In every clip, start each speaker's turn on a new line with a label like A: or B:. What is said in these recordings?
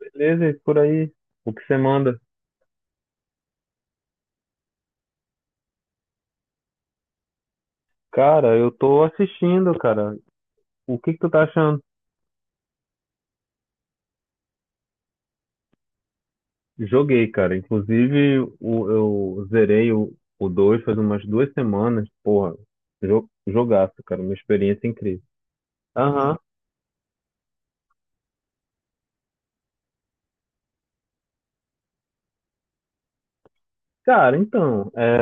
A: Beleza, e por aí? O que você manda? Cara, eu tô assistindo, cara. O que que tu tá achando? Joguei, cara. Inclusive, eu zerei o 2 faz umas duas semanas. Porra, jogaço, cara. Uma experiência incrível. Aham. Cara, então,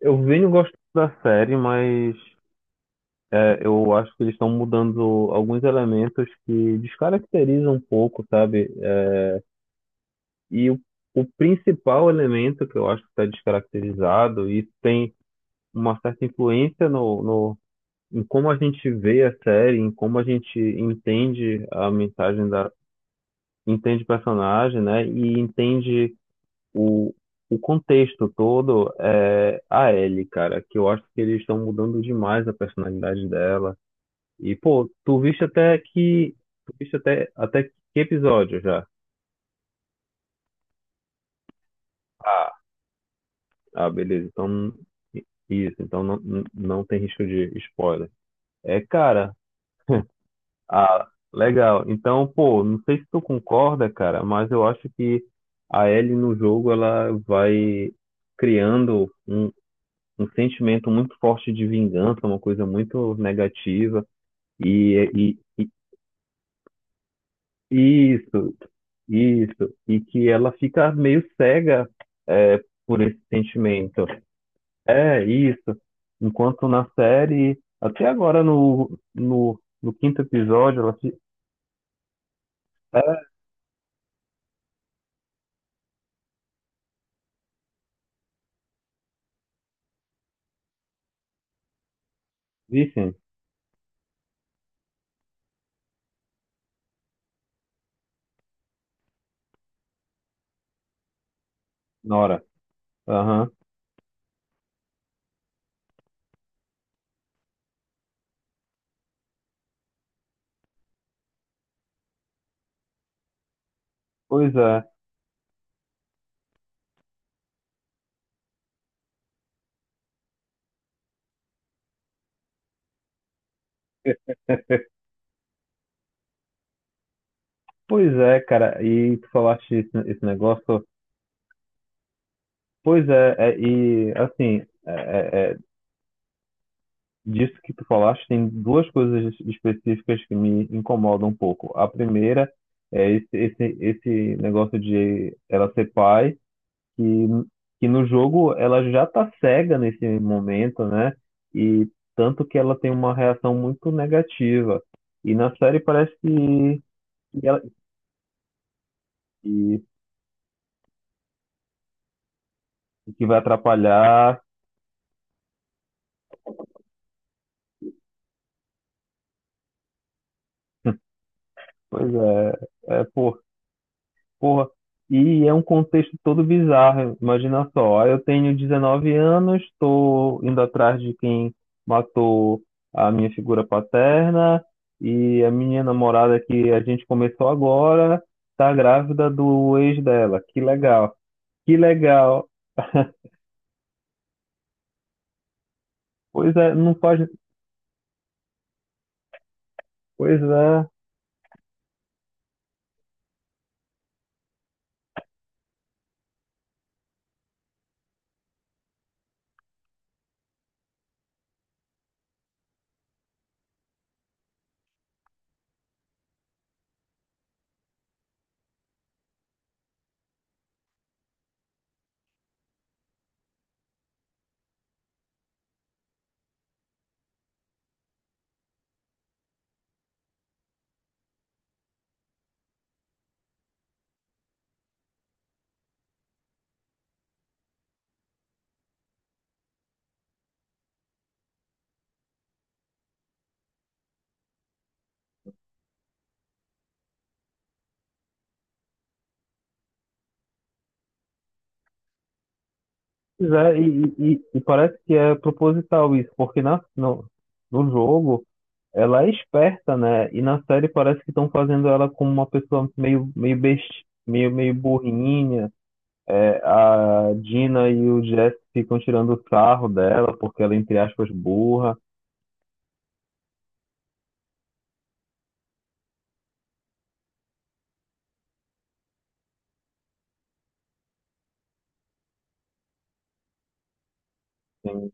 A: eu venho gostando da série, mas eu acho que eles estão mudando alguns elementos que descaracterizam um pouco, sabe? E o, o principal elemento que eu acho que está descaracterizado, e tem uma certa influência no, em como a gente vê a série, em como a gente entende a mensagem da, entende o personagem, né? E entende o, o contexto todo é a Ellie, cara, que eu acho que eles estão mudando demais a personalidade dela. E, pô, tu viste até que, tu viste até, até que episódio já? Ah, ah, beleza. Então, isso, então não tem risco de spoiler. É, cara. Ah, legal. Então, pô, não sei se tu concorda, cara, mas eu acho que a Ellie no jogo ela vai criando um sentimento muito forte de vingança, uma coisa muito negativa. E, e, e isso, e que ela fica meio cega é, por esse sentimento. É isso. Enquanto na série, até agora no quinto episódio, ela se. Vicente, Nora. Aham. Pois é, pois é, cara, e tu falaste esse negócio, pois é, é, é, disso que tu falaste, tem duas coisas específicas que me incomodam um pouco. A primeira é esse negócio de ela ser pai, que, que no jogo ela já tá cega nesse momento, né? E tanto que ela tem uma reação muito negativa. E na série parece que, que, ela- que, que vai atrapalhar. Pois é, é por, porra. E é um contexto todo bizarro. Imagina só, eu tenho 19 anos, estou indo atrás de quem matou a minha figura paterna e a minha namorada que a gente começou agora tá grávida do ex dela. Que legal, que legal. Pois é, não faz. Pois é, pois é. E parece que é proposital isso, porque na, no, no jogo ela é esperta, né? E na série parece que estão fazendo ela como uma pessoa meio, meio burrinha. É, a Gina e o Jess ficam tirando sarro dela porque ela, é, entre aspas, burra. Tem-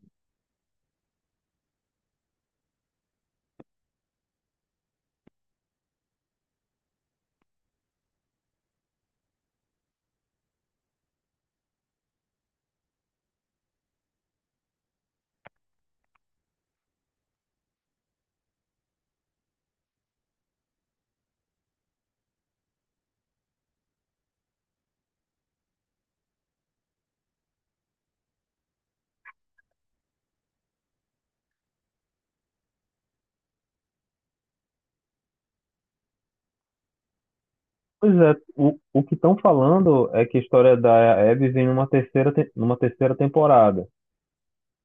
A: Pois é, o que estão falando é que a história da Abby vem numa numa terceira temporada.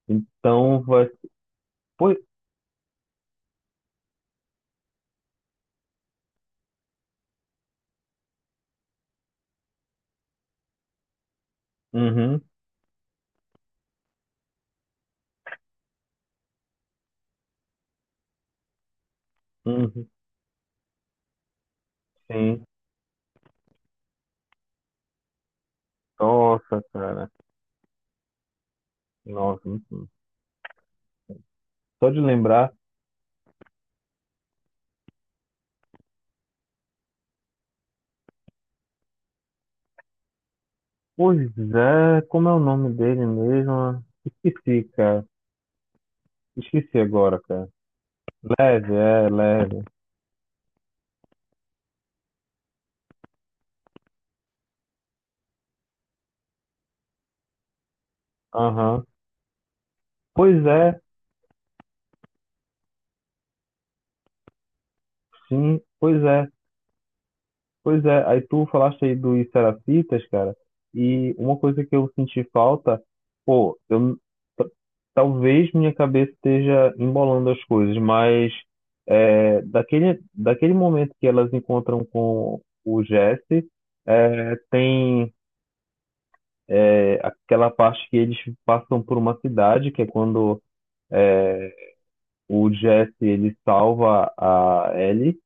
A: Então vai. Pois... Uhum, uhum. Sim. Nossa, cara. Nossa, muito- só de lembrar. Pois é, como é o nome dele mesmo? Esqueci, cara. Esqueci agora, cara. Leve, é, leve. Aham. Pois é, sim, pois é, pois é. Aí tu falaste aí dos Serafitas, cara, e uma coisa que eu senti falta, pô, eu, t- talvez minha cabeça esteja embolando as coisas, mas é, daquele momento que elas encontram com o Jesse, é, tem. É aquela parte que eles passam por uma cidade, que é quando o Jesse ele salva a Ellie.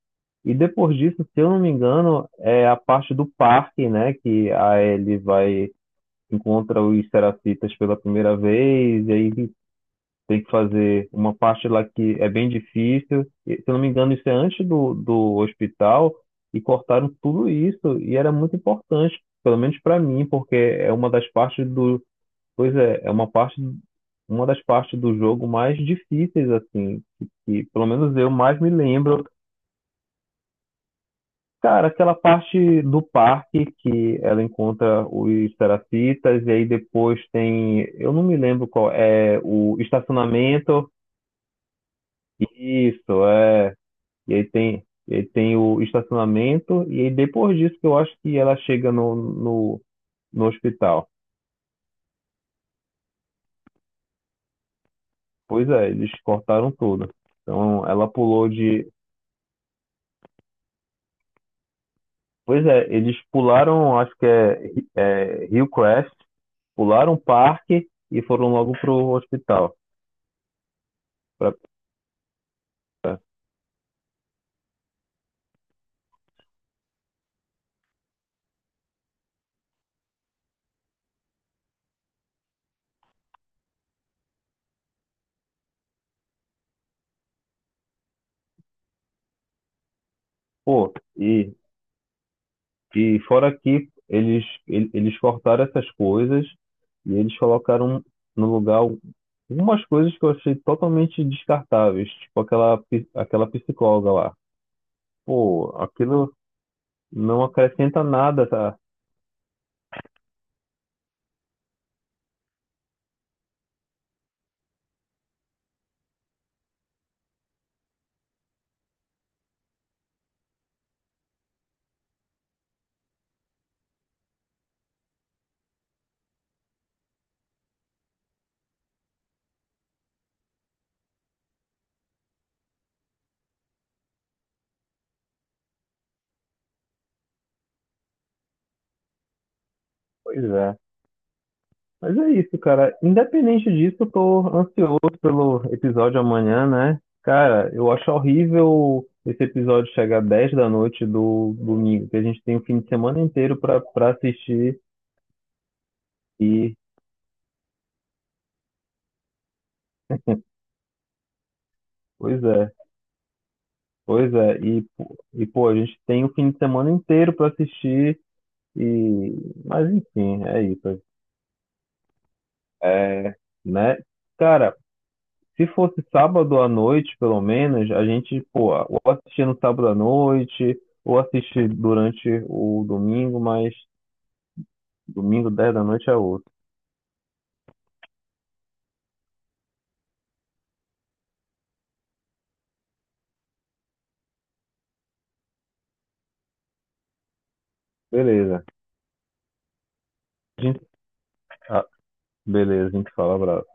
A: E depois disso, se eu não me engano, é a parte do parque, né? Que a Ellie vai encontra os Serafitas pela primeira vez, e aí tem que fazer uma parte lá que é bem difícil. E, se eu não me engano, isso é antes do hospital, e cortaram tudo isso, e era muito importante, pelo menos para mim, porque é uma das partes do, pois é, é uma parte, uma das partes do jogo mais difíceis, assim, que pelo menos eu mais me lembro. Cara, aquela parte do parque que ela encontra os Serafitas, e aí depois tem, eu não me lembro qual, é o estacionamento, isso, é, e aí tem o estacionamento, e aí depois disso que eu acho que ela chega no hospital. Pois é, eles cortaram tudo. Então ela pulou de pois é, eles pularam, acho que é, é Hillcrest, pularam o parque e foram logo pro hospital. Pra, pô, e, e fora que eles, ele- eles cortaram essas coisas e eles colocaram no lugar algumas coisas que eu achei totalmente descartáveis, tipo aquela, pi- aquela psicóloga lá. Pô, aquilo não acrescenta nada, tá? Pois é. Mas é isso, cara. Independente disso, eu tô ansioso pelo episódio amanhã, né? Cara, eu acho horrível esse episódio chegar 10 da noite do domingo, que a gente tem o fim de semana inteiro pra assistir. E, pois é, pois é. Pô, a gente tem o fim de semana inteiro pra assistir. E, mas enfim, é isso. É, né? Cara, se fosse sábado à noite, pelo menos, a gente, pô, ou assistia no sábado à noite, ou assiste durante o domingo, mas domingo 10 da noite é outro. Beleza. A gente, ah, beleza, a gente fala, abraço.